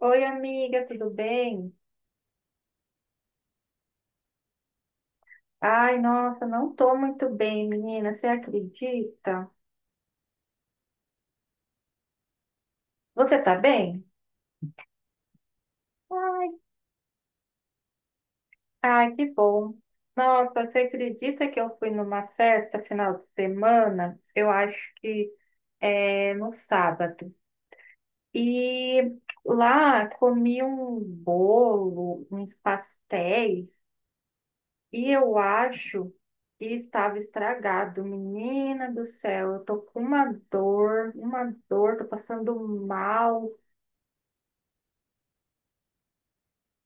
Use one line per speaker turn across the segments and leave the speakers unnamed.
Oi, amiga, tudo bem? Ai, nossa, não tô muito bem, menina, você acredita? Você tá bem? Ai, ai, que bom. Nossa, você acredita que eu fui numa festa final de semana? Eu acho que é no sábado. E lá comi um bolo, uns pastéis. E eu acho que estava estragado. Menina do céu, eu tô com uma dor, tô passando mal.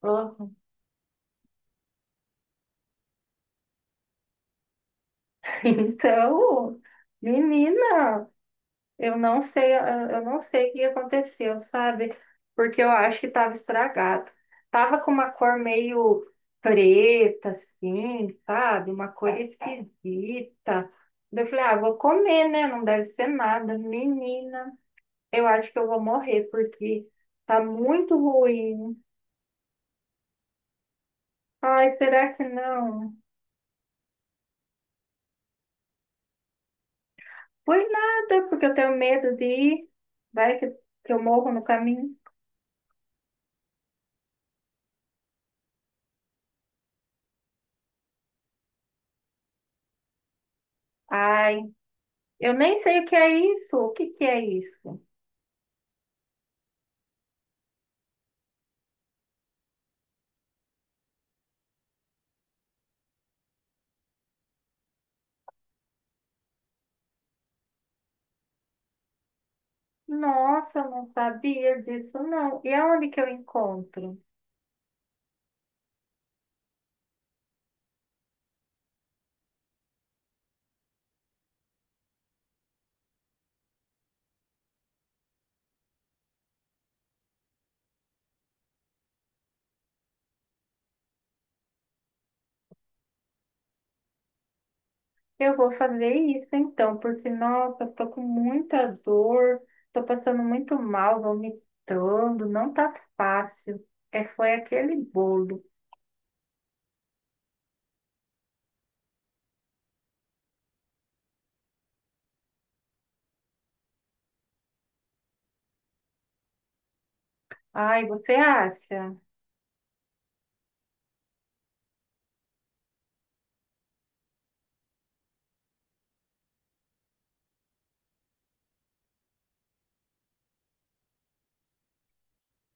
Ah, Então, menina, eu não sei, eu não sei o que aconteceu, sabe? Porque eu acho que estava estragado. Tava com uma cor meio preta, assim, sabe? Uma cor esquisita. Daí eu falei, ah, vou comer, né? Não deve ser nada. Menina, eu acho que eu vou morrer porque tá muito ruim. Ai, será que não? Foi nada, porque eu tenho medo de ir. Vai que eu morro no caminho. Ai, eu nem sei o que é isso. O que que é isso? Nossa, eu não sabia disso, não. E aonde que eu encontro? Eu vou fazer isso então, porque, nossa, eu tô com muita dor, tô passando muito mal, vomitando, não tá fácil. É, foi aquele bolo. Ai, você acha?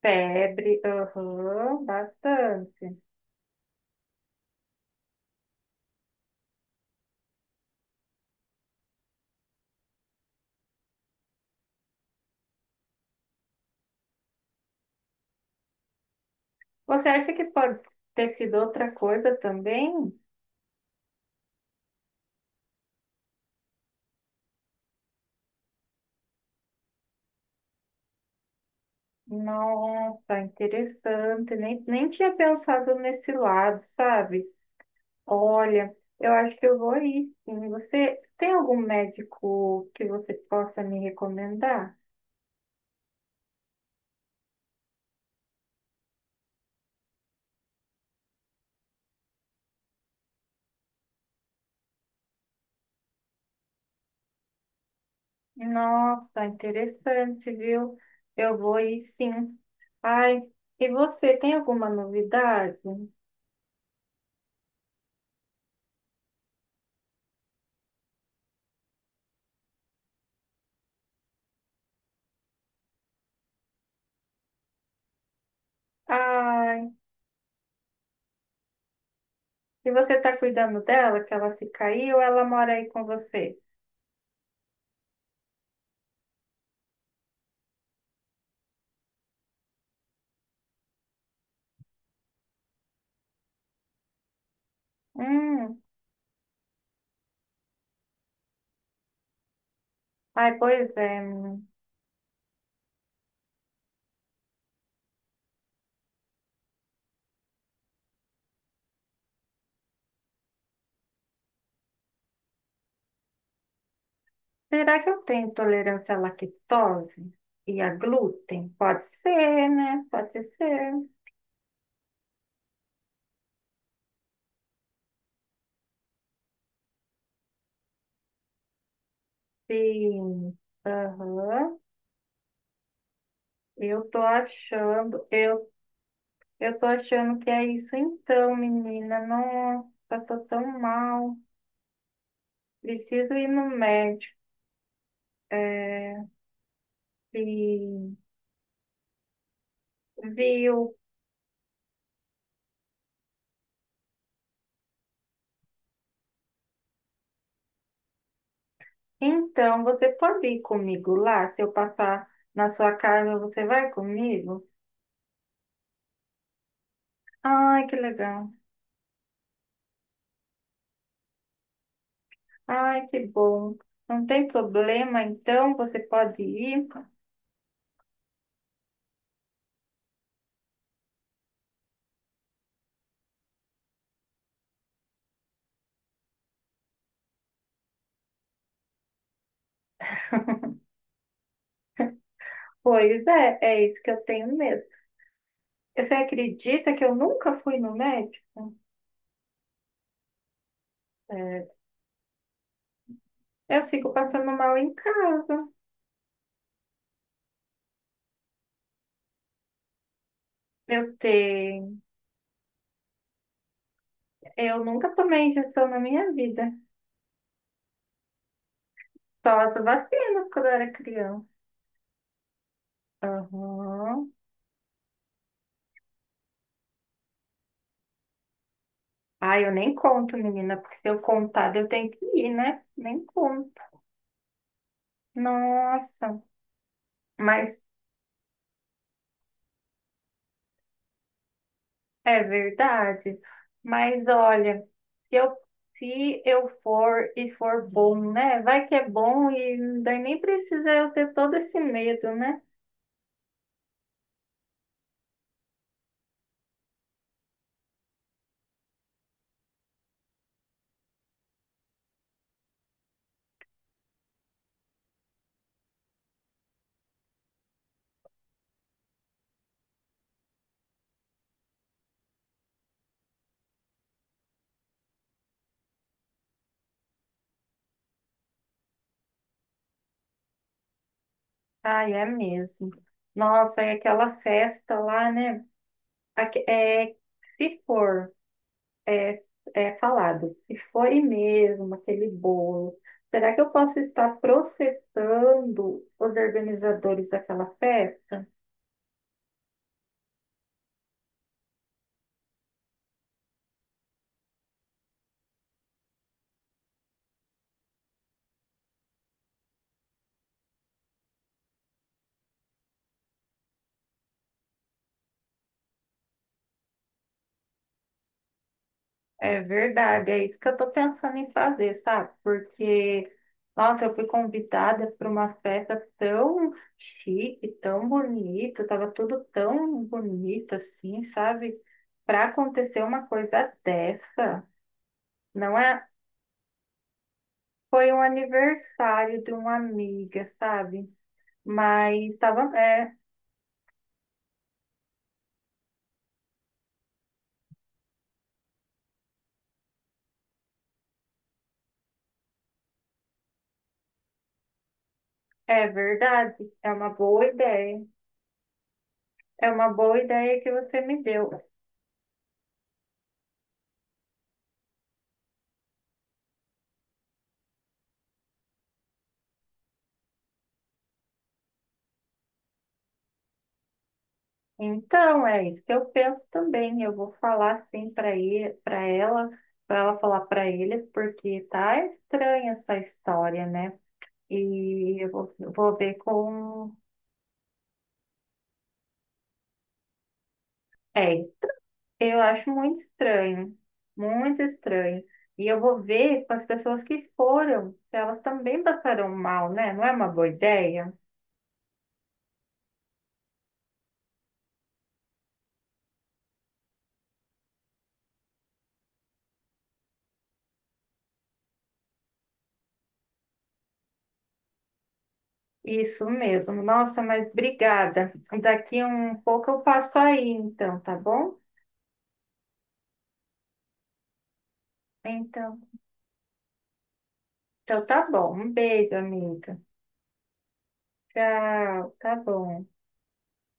Febre, aham, bastante. Você acha que pode ter sido outra coisa também? Nossa, interessante. Nem tinha pensado nesse lado, sabe? Olha, eu acho que eu vou ir, sim. Você tem algum médico que você possa me recomendar? Nossa, interessante, viu? Eu vou ir, sim. Ai, e você tem alguma novidade? Ai. E você tá cuidando dela, que ela fica aí, ou ela mora aí com você? Hum, ai, pois é, menina. Será que eu tenho intolerância à lactose e a glúten? Pode ser, né? Pode ser. Sim. Aham. Eu tô achando, eu, eu tô achando que é isso então, menina. Nossa, tô tão mal. Preciso ir no médico. É, sim. Viu? Então, você pode ir comigo lá? Se eu passar na sua casa, você vai comigo? Ai, que legal. Ai, que bom. Não tem problema, então você pode ir? Pois é, é isso que eu tenho medo. Você acredita que eu nunca fui no médico? É, eu fico passando mal em casa. Eu tenho. Eu nunca tomei injeção na minha vida. Só as vacinas quando eu era criança. Aham. Ai, eu nem conto, menina, porque se eu contar, eu tenho que ir, né? Nem conto. Nossa, mas é verdade. Mas olha, se eu, se eu for e for bom, né? Vai que é bom e daí nem precisa eu ter todo esse medo, né? Ai, é mesmo. Nossa, e aquela festa lá, né? É, se for. É, é falado, se foi mesmo aquele bolo, será que eu posso estar processando os organizadores daquela festa? É verdade, é isso que eu estou pensando em fazer, sabe? Porque, nossa, eu fui convidada para uma festa tão chique, tão bonita, estava tudo tão bonito assim, sabe? Para acontecer uma coisa dessa, não é? Foi um aniversário de uma amiga, sabe? Mas estava. É, é verdade. É uma boa ideia. É uma boa ideia que você me deu. Então, é isso que eu penso também. Eu vou falar sim para ele, para ela falar para eles, porque tá estranha essa história, né? E eu vou ver com. É isso. Eu acho muito estranho. Muito estranho. E eu vou ver com as pessoas que foram, se elas também passaram mal, né? Não é uma boa ideia? Isso mesmo. Nossa, mas obrigada. Daqui um pouco eu passo aí, então, tá bom? Então, então tá bom. Um beijo, amiga. Tchau, tá bom.